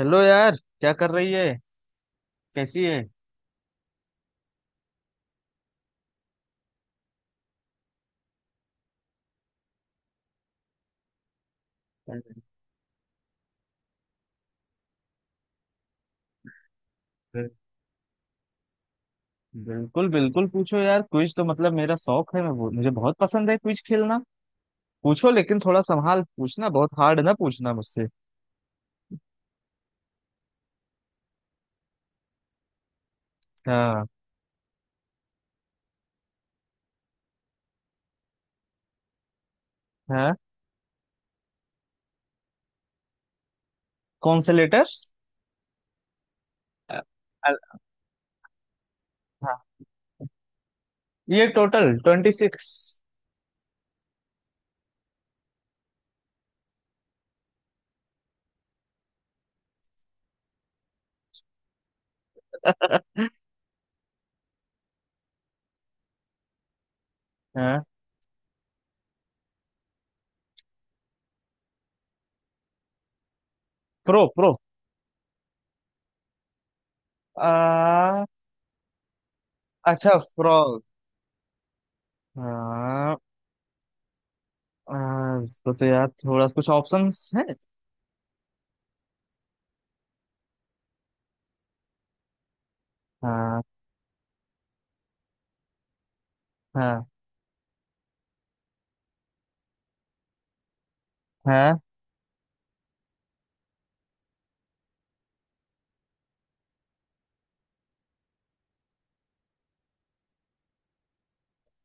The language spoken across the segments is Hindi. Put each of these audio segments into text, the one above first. हेलो यार, क्या कर रही है। कैसी है। बिल- बिल्कुल बिल्कुल पूछो यार, क्विज तो मतलब मेरा शौक है। मैं वो, मुझे बहुत पसंद है क्विज खेलना। पूछो लेकिन थोड़ा संभाल के पूछना, बहुत हार्ड ना पूछना मुझसे। हाँ। हाँ। कौन से लेटर्स। अ- अ- हाँ, ये टोटल 26। हाँ। प्रो प्रो आ, अच्छा, फ्रॉग। हाँ। इसको तो यार थोड़ा कुछ ऑप्शंस है। हाँ। हाँ। हाँ।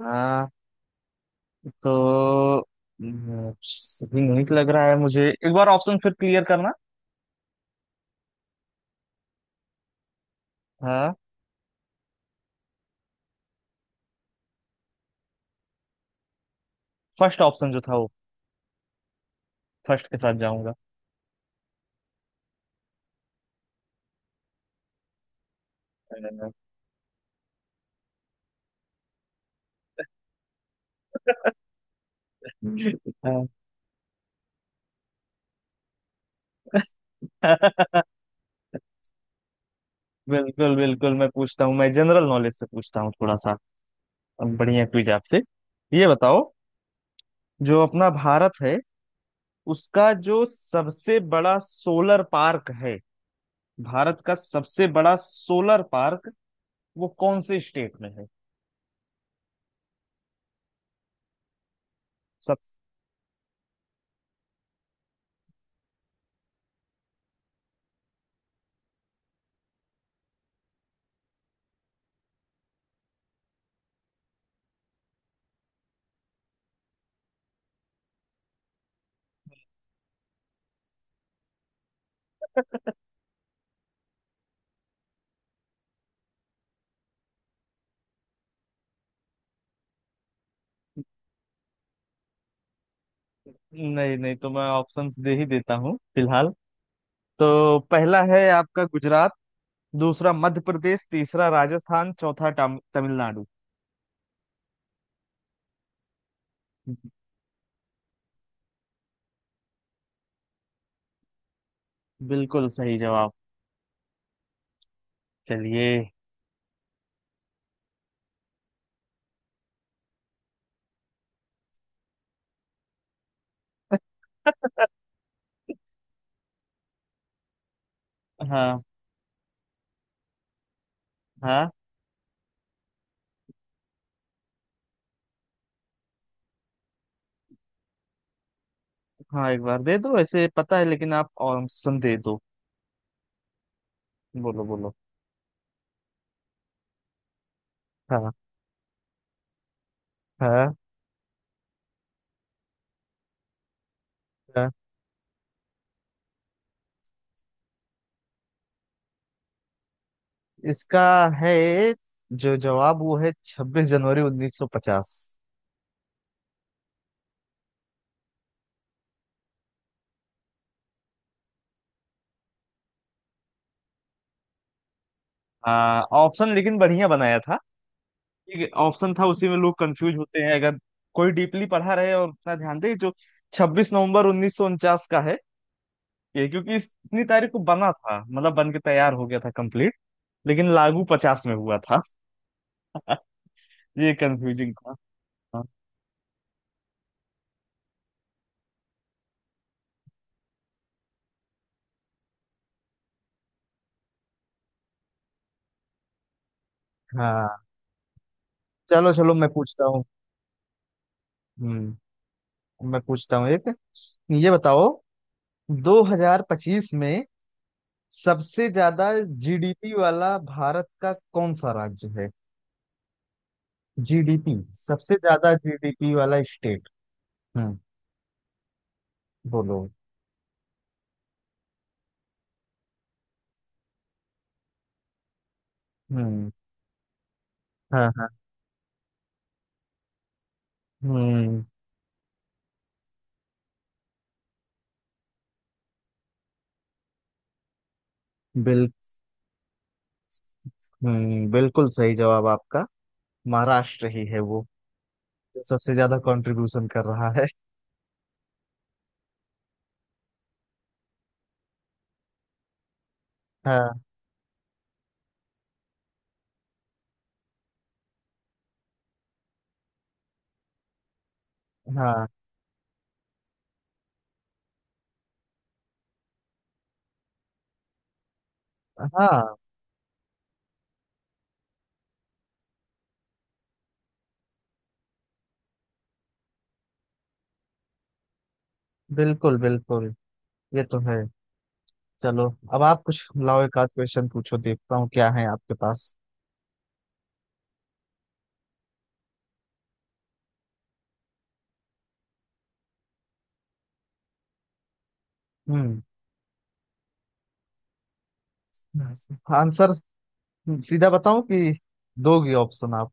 हाँ। तो यूनिक लग रहा है मुझे। एक बार ऑप्शन फिर क्लियर करना। हाँ। फर्स्ट ऑप्शन जो था वो, फर्स्ट के साथ जाऊंगा। हाँ। बिल्कुल बिल्कुल, मैं पूछता हूँ। मैं जनरल नॉलेज से पूछता हूँ थोड़ा सा। अब बढ़िया क्विज आपसे। ये बताओ, जो अपना भारत है उसका जो सबसे बड़ा सोलर पार्क है, भारत का सबसे बड़ा सोलर पार्क वो कौन से स्टेट में है। सब। नहीं नहीं, तो मैं ऑप्शंस दे ही देता हूँ फिलहाल। तो पहला है आपका गुजरात, दूसरा मध्य प्रदेश, तीसरा राजस्थान, चौथा तमिलनाडु। बिल्कुल सही जवाब। चलिए। हाँ। हाँ। हाँ, एक बार दे दो। ऐसे पता है, लेकिन आप ऑप्शन दे दो। बोलो बोलो। हाँ। हाँ। हाँ, इसका है जो जवाब, वो है 26 जनवरी 1950। हाँ, ऑप्शन लेकिन बढ़िया बनाया था। एक ऑप्शन था उसी में लोग कंफ्यूज होते हैं, अगर कोई डीपली पढ़ा रहे और उतना ध्यान दे जो 26 नवंबर 1949 का है। ये क्योंकि इतनी तारीख को बना था, मतलब बन के तैयार हो गया था कंप्लीट। लेकिन लागू पचास में हुआ था। ये कंफ्यूजिंग था। हाँ। हाँ। चलो चलो, हम्म मैं पूछता हूँ एक। ये बताओ, 2025 में सबसे ज्यादा जीडीपी वाला भारत का कौन सा राज्य है। जीडीपी। सबसे ज्यादा जीडीपी वाला स्टेट। बोलो। हम्म। हाँ। हाँ। हम्म। बिल बिल्कुल सही जवाब आपका। महाराष्ट्र ही है वो, जो सबसे ज्यादा कंट्रीब्यूशन कर रहा है। हाँ। हाँ। हाँ, बिल्कुल बिल्कुल, ये तो है। चलो, अब आप कुछ लाओ, एक आध क्वेश्चन पूछो, देखता हूँ क्या है आपके पास। हम्म। आंसर सीधा बताऊं, कि दोगी ऑप्शन आप?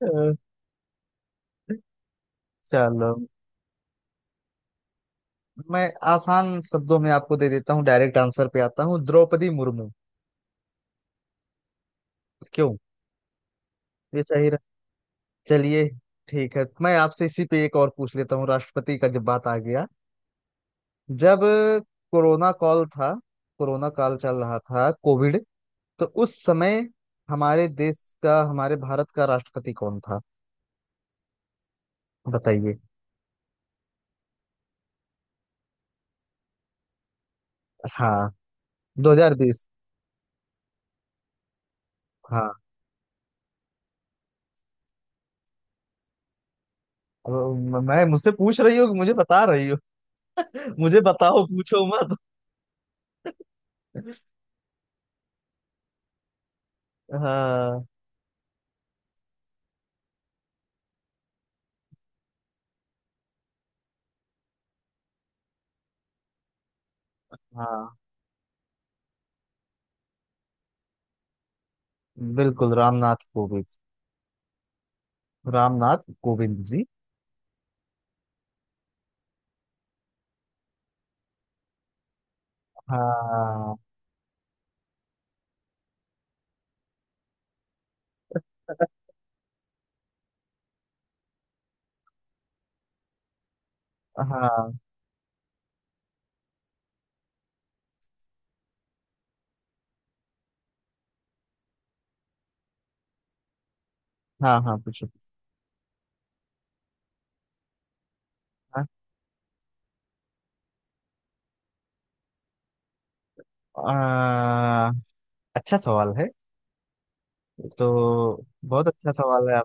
अ, चलो, मैं आसान शब्दों में आपको दे देता हूँ, डायरेक्ट आंसर पे आता हूँ। द्रौपदी मुर्मू। क्यों। ये सही। चलिए। ठीक है, मैं आपसे इसी पे एक और पूछ लेता हूँ, राष्ट्रपति का जब बात आ गया। जब कोरोना काल था, कोरोना काल चल रहा था, कोविड। तो उस समय हमारे देश का, हमारे भारत का राष्ट्रपति कौन था। बताइए। हाँ। 2020। हाँ, अब मैं, मुझसे पूछ रही हो कि मुझे बता रही हो? मुझे बताओ, पूछो मत। हाँ। हाँ, बिल्कुल रामनाथ कोविंद, रामनाथ कोविंद जी। हाँ। हाँ। हाँ। हाँ, पूछो। आ, अच्छा सवाल है। तो बहुत अच्छा सवाल है,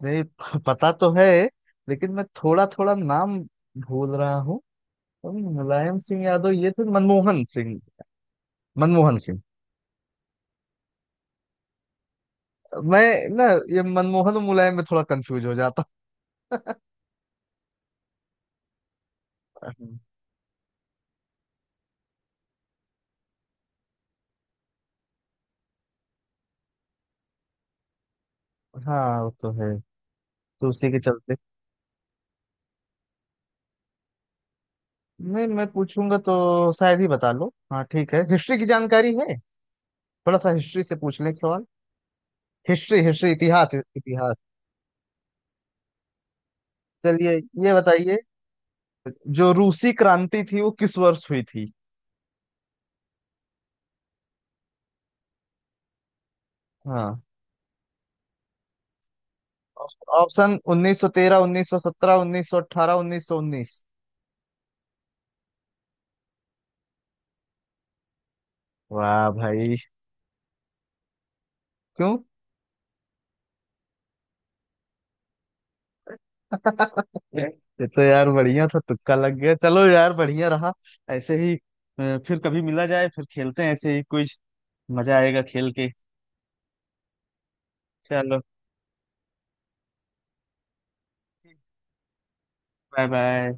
आपने पता तो है। लेकिन मैं थोड़ा थोड़ा नाम भूल रहा हूँ। मुलायम सिंह यादव, ये थे मनमोहन सिंह। मनमोहन सिंह। मैं ना, ये मनमोहन और मुलायम में थोड़ा कंफ्यूज हो जाता हूँ। हाँ, वो तो है। तो उसी के चलते, नहीं, मैं पूछूंगा तो शायद ही बता लो। हाँ, ठीक है, हिस्ट्री की जानकारी है। थोड़ा सा हिस्ट्री से पूछ लें, एक सवाल। हिस्ट्री हिस्ट्री, इतिहास इतिहास। चलिए, ये बताइए, जो रूसी क्रांति थी वो किस वर्ष हुई थी। हाँ, ऑप्शन 1913, 1917, 1918, 1919। वाह भाई। क्यों? ये तो यार बढ़िया था, तुक्का लग गया। चलो यार, बढ़िया रहा। ऐसे ही फिर कभी मिला जाए, फिर खेलते हैं ऐसे ही कुछ। मजा आएगा खेल के। चलो, बाय बाय।